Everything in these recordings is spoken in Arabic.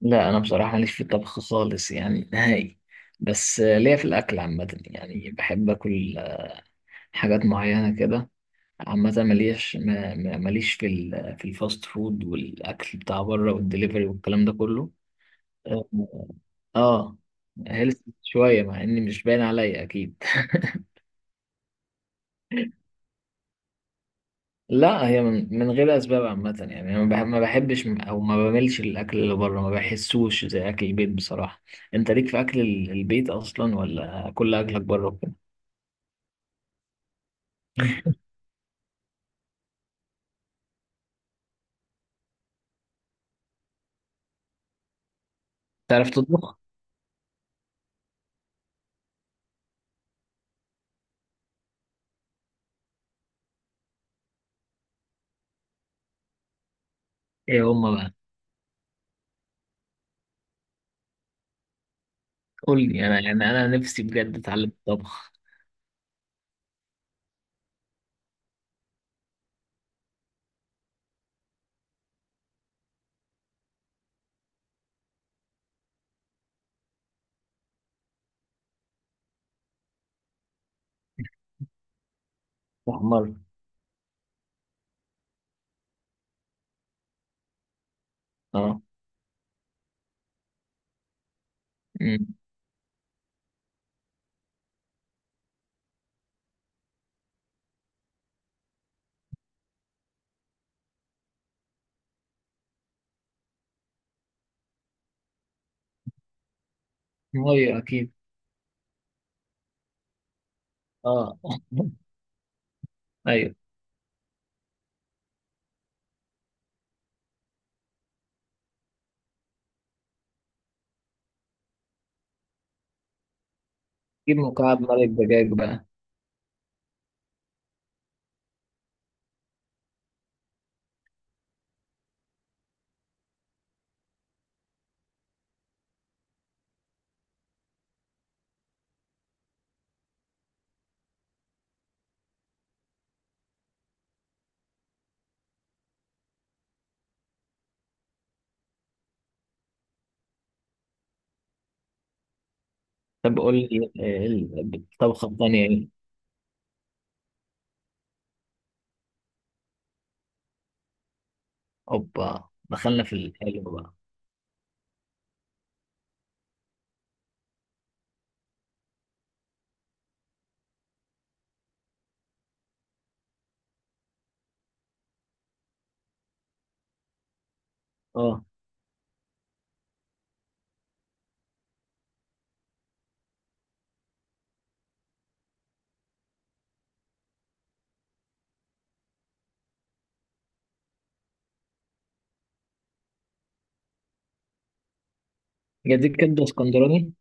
لا، انا بصراحه ماليش في الطبخ خالص يعني نهائي. بس ليا في الاكل عامه يعني، بحب اكل حاجات معينه كده. عامه ماليش ماليش في في الفاست فود والاكل بتاع بره والدليفري والكلام ده كله. اه. آه، هيلث شويه مع اني مش باين عليا اكيد. لا، هي من غير اسباب عامه يعني، انا ما بحبش او ما بملش الاكل اللي بره، ما بحسوش زي اكل البيت بصراحه. انت ليك في اكل البيت اصلا ولا كل اكلك بره وكده؟ تعرف تطبخ؟ ايه هما بقى؟ قول لي انا، يعني انا نفسي بجد اتعلم الطبخ. احمر. اه. أمم. ميه اكيد. اه. ايول. جيب مكعب مرق دجاج بقى. طب قول لي إيه الطبخه الثانيه ايه؟ اوبا، دخلنا في الحلو بقى. اه. جديد، كبده اسكندراني.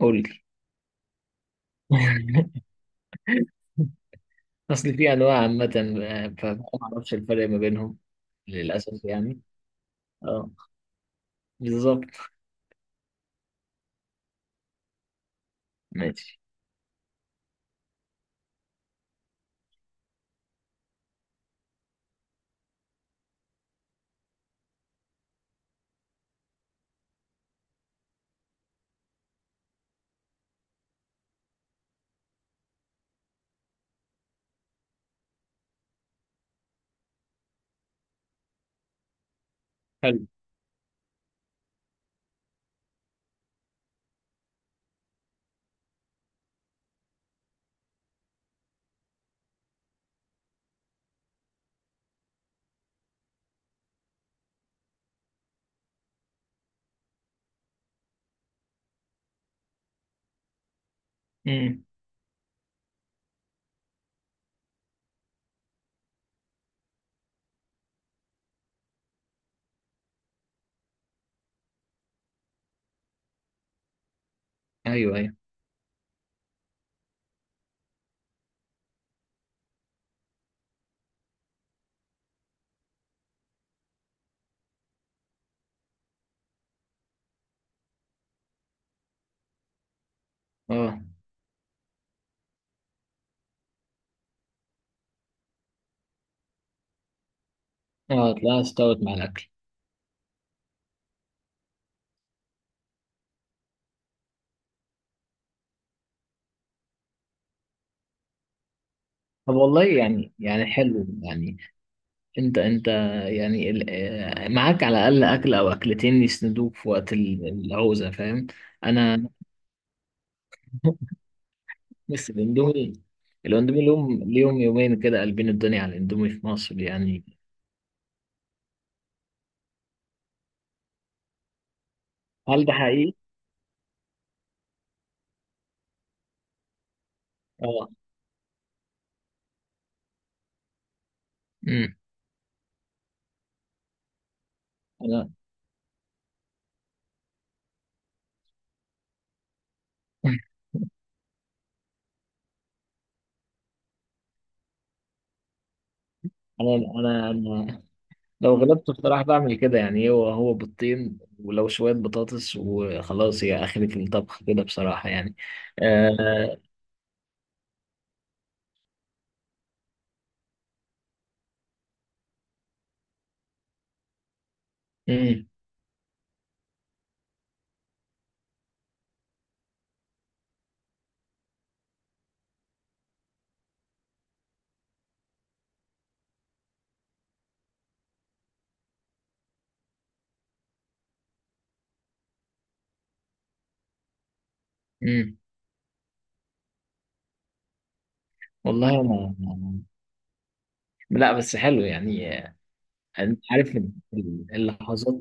قول لي. اصل في انواع عامه، فما اعرفش الفرق ما بينهم. للاسف يعني. اه. بالظبط. ماشي. حلو. امم. ايوه، ايوه. اه، اه، تلاقيها استوت مع الاكل. طب والله يعني حلو يعني. انت يعني، معاك على الاقل اكل او اكلتين يسندوك في وقت العوزه، فاهم؟ انا. بس الاندومي. الاندومي ليهم يومين كده، قلبين الدنيا على الاندومي في مصر يعني. هل ده حقيقي؟ اه. امم. انا. انا انا لو غلبت بصراحه بعمل كده يعني، هو بيضتين ولو شويه بطاطس وخلاص. هي اخرة الطبخ كده بصراحه يعني. آه امم، امم. والله انا لا، بس حلو يعني. انت عارف اللحظات،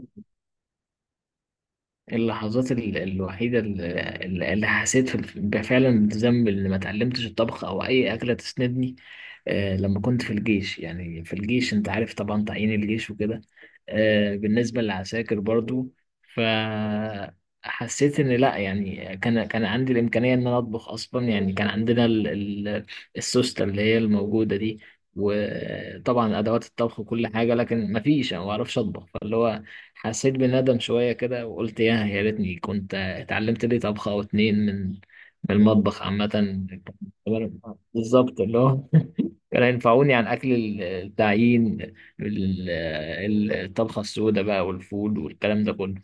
اللحظات الوحيدة اللي حسيت فعلا بذنب إن ما اتعلمتش الطبخ أو أي أكلة تسندني. لما كنت في الجيش يعني، في الجيش أنت عارف طبعا تعيين الجيش وكده، بالنسبة للعساكر برضو. فحسيت إن لأ، يعني كان عندي الإمكانية إن أنا أطبخ أصلا، يعني كان عندنا السوستة اللي هي الموجودة دي، وطبعا أدوات الطبخ وكل حاجة، لكن مفيش. أنا ما بعرفش أطبخ، فاللي هو حسيت بالندم شوية كده وقلت يا ريتني كنت اتعلمت لي طبخة أو اتنين من المطبخ عامة. بالظبط، اللي هو كانوا ينفعوني عن أكل التعيين، الطبخة السوداء بقى والفول والكلام ده كله.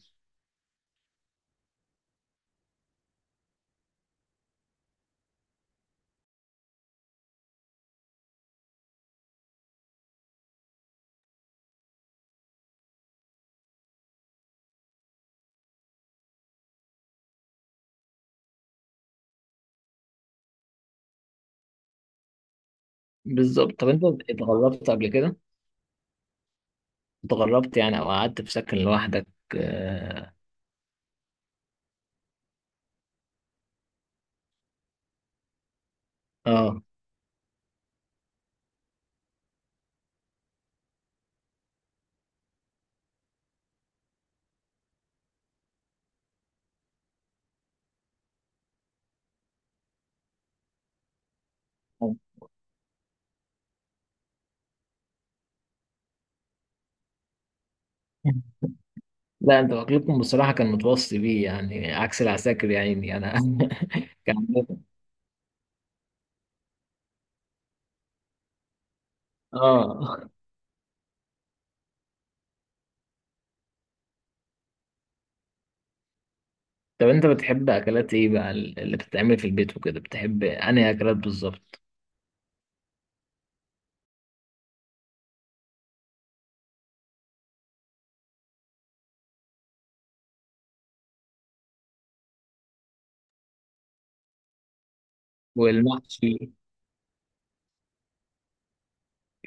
بالظبط. طب أنت اتغربت قبل كده؟ اتغربت يعني، أو قعدت في سكن لوحدك؟ آه، آه. لا، أنت أكلكم بصراحة كان متوصي بيه يعني، عكس العساكر يا عيني أنا. كان عندنا- اه. طب انت بتحب اكلات ايه بقى، اللي بتتعمل في البيت وكده؟ بتحب انهي اكلات بالظبط؟ والمحشي.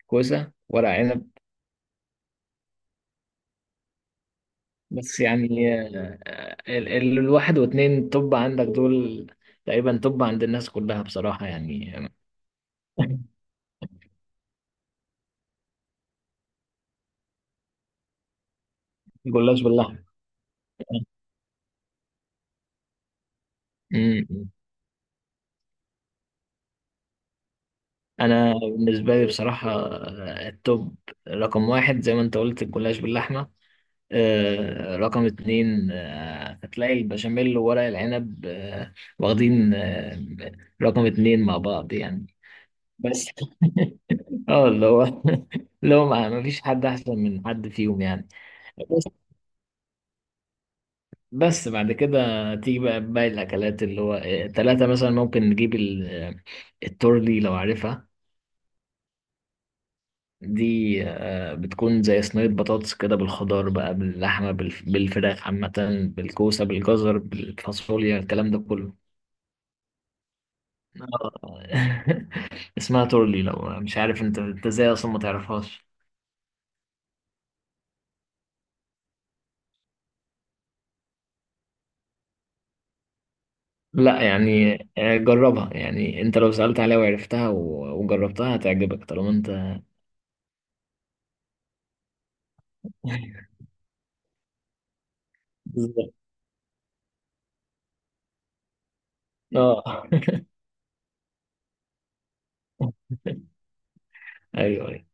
كوسه، ورق عنب. بس يعني، الواحد واتنين، طب عندك دول تقريبا، طب عند الناس كلها بصراحه يعني. جلاش باللحمه. أمم. انا بالنسبه لي بصراحه، التوب رقم واحد زي ما انت قلت، الجلاش باللحمه، رقم اتنين. هتلاقي البشاميل وورق العنب، واخدين، رقم اتنين مع بعض يعني. بس. اه، اللي هو، اللي هو ما فيش حد احسن من حد فيهم يعني. بس بس بعد كده تيجي بقى باقي الاكلات، اللي هو تلاتة مثلا، ممكن نجيب التورلي، لو عارفها. دي بتكون زي صينية بطاطس كده، بالخضار بقى، باللحمة، بالفراخ عامة، بالكوسة، بالجزر، بالفاصوليا، الكلام ده كله. آه. اسمها تورلي، لو مش عارف. انت ازاي اصلا ما تعرفهاش؟ لا يعني، جربها يعني. انت لو سألت عليها وعرفتها وجربتها هتعجبك، طالما انت. بالظبط. اه. ايوه.